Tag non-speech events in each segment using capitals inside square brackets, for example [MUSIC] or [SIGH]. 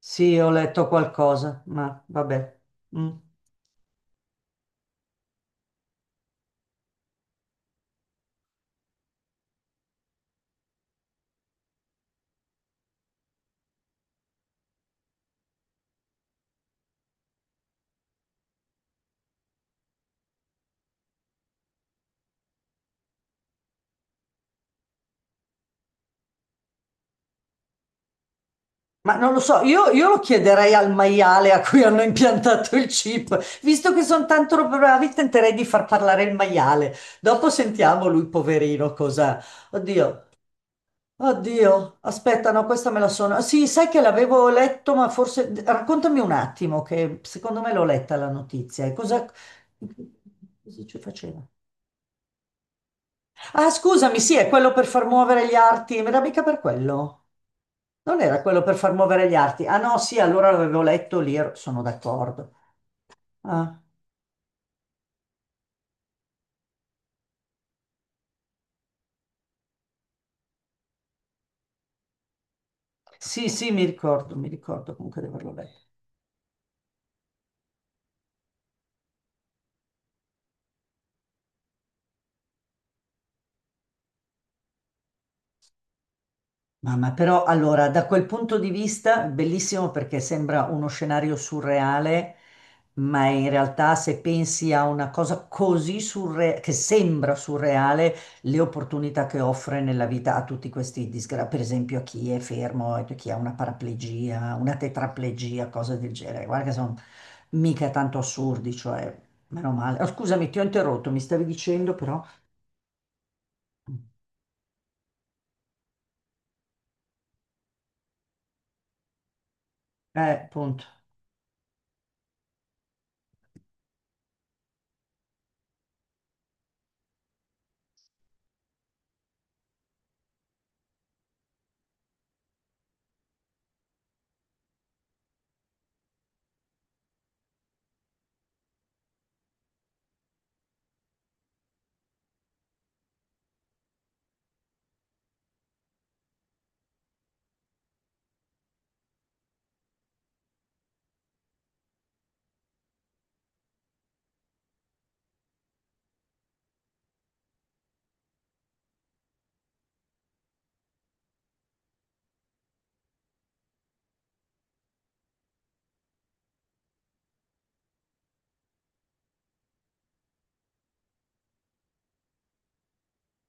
Sì, ho letto qualcosa, ma vabbè. Mm. Ma non lo so, io lo chiederei al maiale a cui hanno impiantato il chip. Visto che sono tanto bravi, tenterei di far parlare il maiale. Dopo sentiamo lui, poverino, cosa... Oddio, oddio, aspetta, no, questa me la sono... Sì, sai che l'avevo letto, ma forse... Raccontami un attimo, che secondo me l'ho letta la notizia. E cosa... Cosa ci faceva? Ah, scusami, sì, è quello per far muovere gli arti. Mi arrabbica per quello. Non era quello per far muovere gli arti. Ah no, sì, allora l'avevo letto lì, sono d'accordo. Ah, sì, sì, mi ricordo comunque di averlo letto. Mamma, però allora da quel punto di vista bellissimo perché sembra uno scenario surreale, ma in realtà se pensi a una cosa così surreale, che sembra surreale, le opportunità che offre nella vita a tutti questi disgraziati, per esempio a chi è fermo, a chi ha una paraplegia, una tetraplegia, cose del genere. Guarda che sono mica tanto assurdi, cioè, meno male. Oh, scusami, ti ho interrotto, mi stavi dicendo però... punto.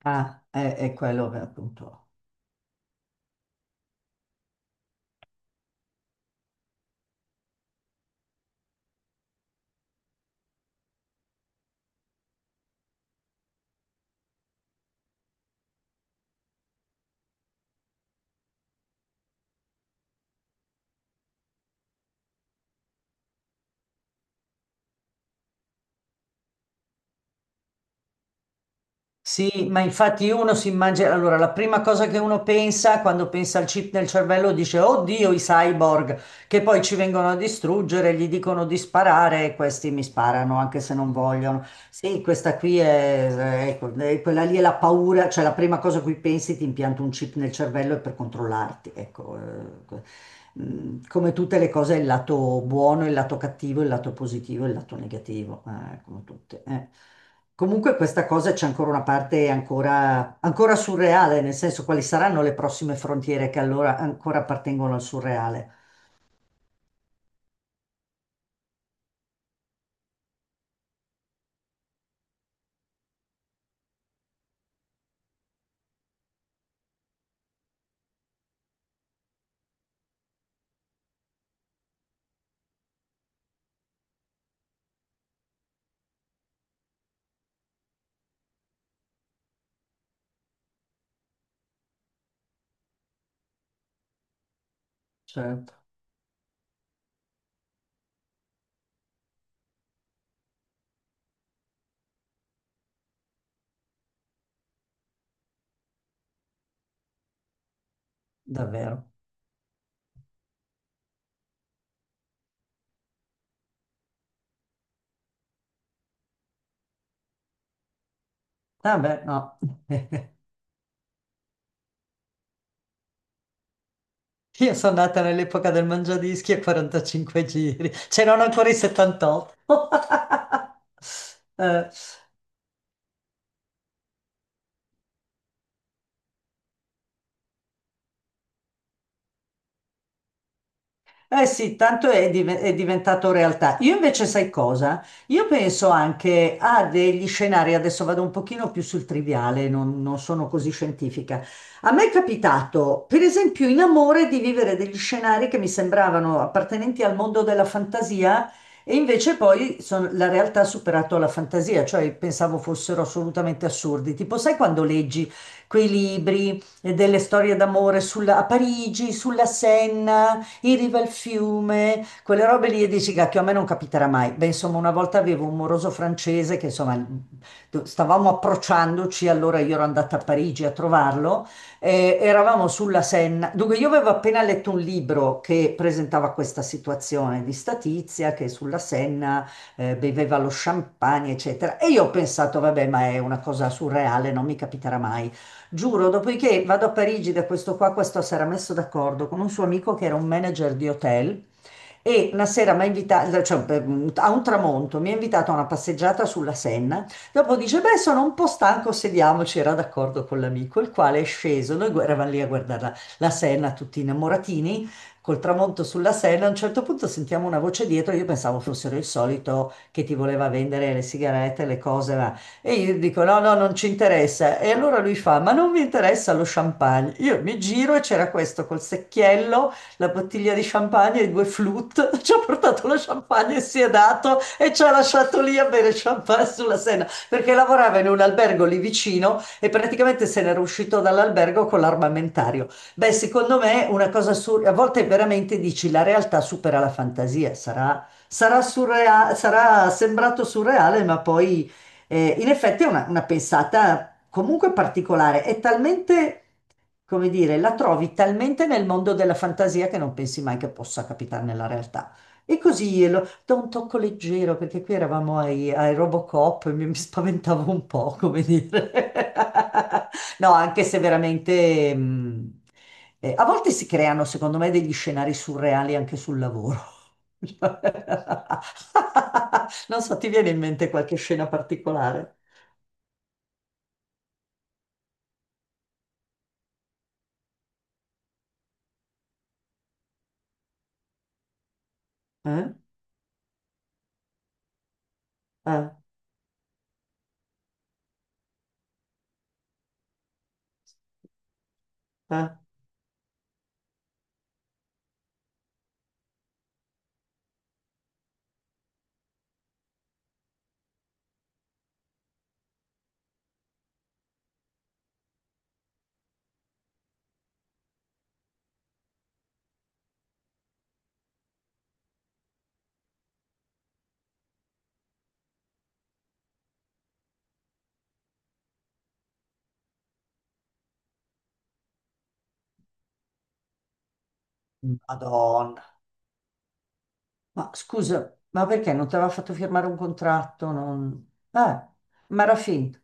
Ah, è quello che appunto. Sì, ma infatti uno si immagina, allora la prima cosa che uno pensa quando pensa al chip nel cervello dice, oddio, i cyborg che poi ci vengono a distruggere, gli dicono di sparare e questi mi sparano anche se non vogliono. Sì, questa qui è, ecco, quella lì è la paura, cioè la prima cosa a cui pensi ti impianto un chip nel cervello è per controllarti, ecco. Mm, come tutte le cose, il lato buono, il lato cattivo, il lato positivo, il lato negativo, come tutte. Comunque questa cosa c'è ancora una parte ancora, ancora surreale, nel senso quali saranno le prossime frontiere che allora ancora appartengono al surreale. Certo, davvero. Vabbè, no. [LAUGHS] Io sono nata nell'epoca del mangiadischi a 45 giri, c'erano ancora i 78. [LAUGHS] Eh, eh sì, tanto è, è diventato realtà. Io invece sai cosa? Io penso anche a degli scenari, adesso vado un pochino più sul triviale, non sono così scientifica. A me è capitato, per esempio, in amore di vivere degli scenari che mi sembravano appartenenti al mondo della fantasia e invece poi la realtà ha superato la fantasia, cioè pensavo fossero assolutamente assurdi. Tipo, sai quando leggi quei libri delle storie d'amore a Parigi, sulla Senna? In riva al fiume, quelle robe lì e dici, cacchio, a me non capiterà mai. Beh, insomma, una volta avevo un moroso francese che, insomma, stavamo approcciandoci, allora io ero andata a Parigi a trovarlo, eravamo sulla Senna. Dunque, io avevo appena letto un libro che presentava questa situazione di Statizia, che sulla Senna beveva lo champagne, eccetera. E io ho pensato, vabbè, ma è una cosa surreale, non mi capiterà mai. Giuro, dopodiché vado a Parigi da questo qua, questo si era messo d'accordo con un suo amico che era un manager di hotel e una sera mi ha invitato, a un tramonto, mi ha invitato a una passeggiata sulla Senna, dopo dice, beh, sono un po' stanco, sediamoci, era d'accordo con l'amico, il quale è sceso, noi eravamo lì a guardare la Senna, tutti innamoratini, col tramonto sulla Senna, a un certo punto sentiamo una voce dietro, io pensavo fossero il solito che ti voleva vendere le sigarette, le cose, e io dico: No, no, non ci interessa. E allora lui fa: Ma non mi interessa lo champagne. Io mi giro e c'era questo col secchiello, la bottiglia di champagne e due flute. [LAUGHS] Ci ha portato lo champagne e si è dato e ci ha lasciato lì a bere champagne sulla Senna perché lavorava in un albergo lì vicino e praticamente se n'era uscito dall'albergo con l'armamentario. Beh, secondo me una cosa surreale, a volte veramente dici la realtà supera la fantasia, sarà sarà sembrato surreale, ma poi in effetti è una pensata comunque particolare, è talmente come dire, la trovi talmente nel mondo della fantasia che non pensi mai che possa capitare nella realtà. E così lo, da un tocco leggero, perché qui eravamo ai Robocop e mi spaventavo un po', come dire. [LAUGHS] No, anche se veramente... a volte si creano, secondo me, degli scenari surreali anche sul lavoro. [LAUGHS] Non so, ti viene in mente qualche scena particolare? Eh? Eh? Eh? Madonna. Ma scusa, ma perché non ti aveva fatto firmare un contratto? Non... ma era finta.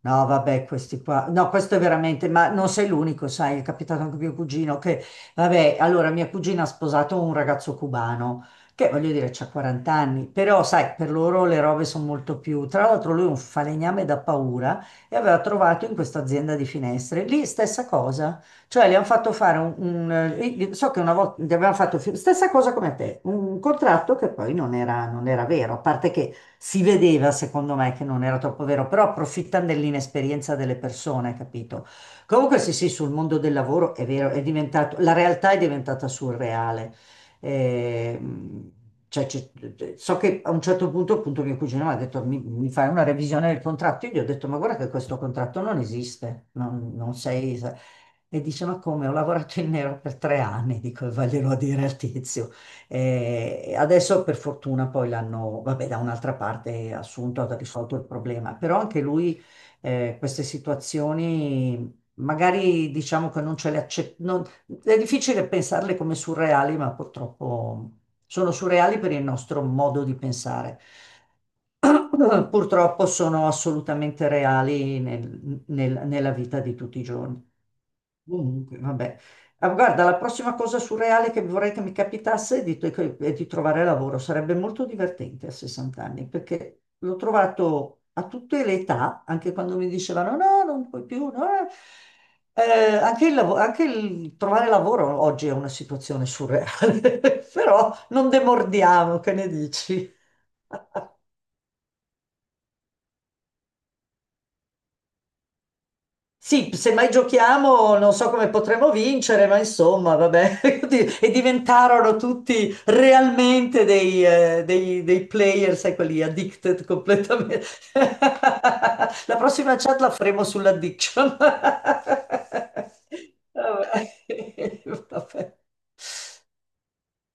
No, vabbè, questi qua. No, questo è veramente, ma non sei l'unico, sai, è capitato anche a mio cugino che, vabbè, allora mia cugina ha sposato un ragazzo cubano, che voglio dire, c'ha 40 anni, però sai, per loro le robe sono molto più. Tra l'altro lui è un falegname da paura e aveva trovato in questa azienda di finestre, lì stessa cosa, cioè le hanno fatto fare so che una volta gli avevano fatto, stessa cosa come a te, un contratto che poi non era vero, a parte che si vedeva, secondo me, che non era troppo vero, però approfittano dell'inesperienza delle persone, capito? Comunque sì, sì, sul mondo del lavoro è vero, è diventato, la realtà è diventata surreale. Ehm, cioè, so che a un certo punto, appunto, mio cugino mi ha detto: mi fai una revisione del contratto? Io gli ho detto: Ma guarda che questo contratto non esiste, non sei. E dice: Ma come? Ho lavorato in nero per 3 anni, dico, e vaglielo a dire al tizio. Adesso per fortuna poi l'hanno, vabbè, da un'altra parte assunto, ha risolto il problema, però anche lui queste situazioni magari diciamo che non ce le accetta, è difficile pensarle come surreali, ma purtroppo sono surreali per il nostro modo di pensare. Purtroppo sono assolutamente reali nella vita di tutti i giorni. Comunque, vabbè. Ah, guarda, la prossima cosa surreale che vorrei che mi capitasse è è di trovare lavoro. Sarebbe molto divertente a 60 anni, perché l'ho trovato a tutte le età, anche quando mi dicevano no, non puoi più, no, eh". Anche anche il trovare lavoro oggi è una situazione surreale, [LAUGHS] però non demordiamo, che ne dici? Sì, se mai giochiamo non so come potremo vincere, ma insomma, vabbè. [LAUGHS] E diventarono tutti realmente dei player, sai, quelli addicted completamente. [LAUGHS] La prossima chat la faremo sull'addiction. [LAUGHS] Vabbè. [LAUGHS] Vabbè.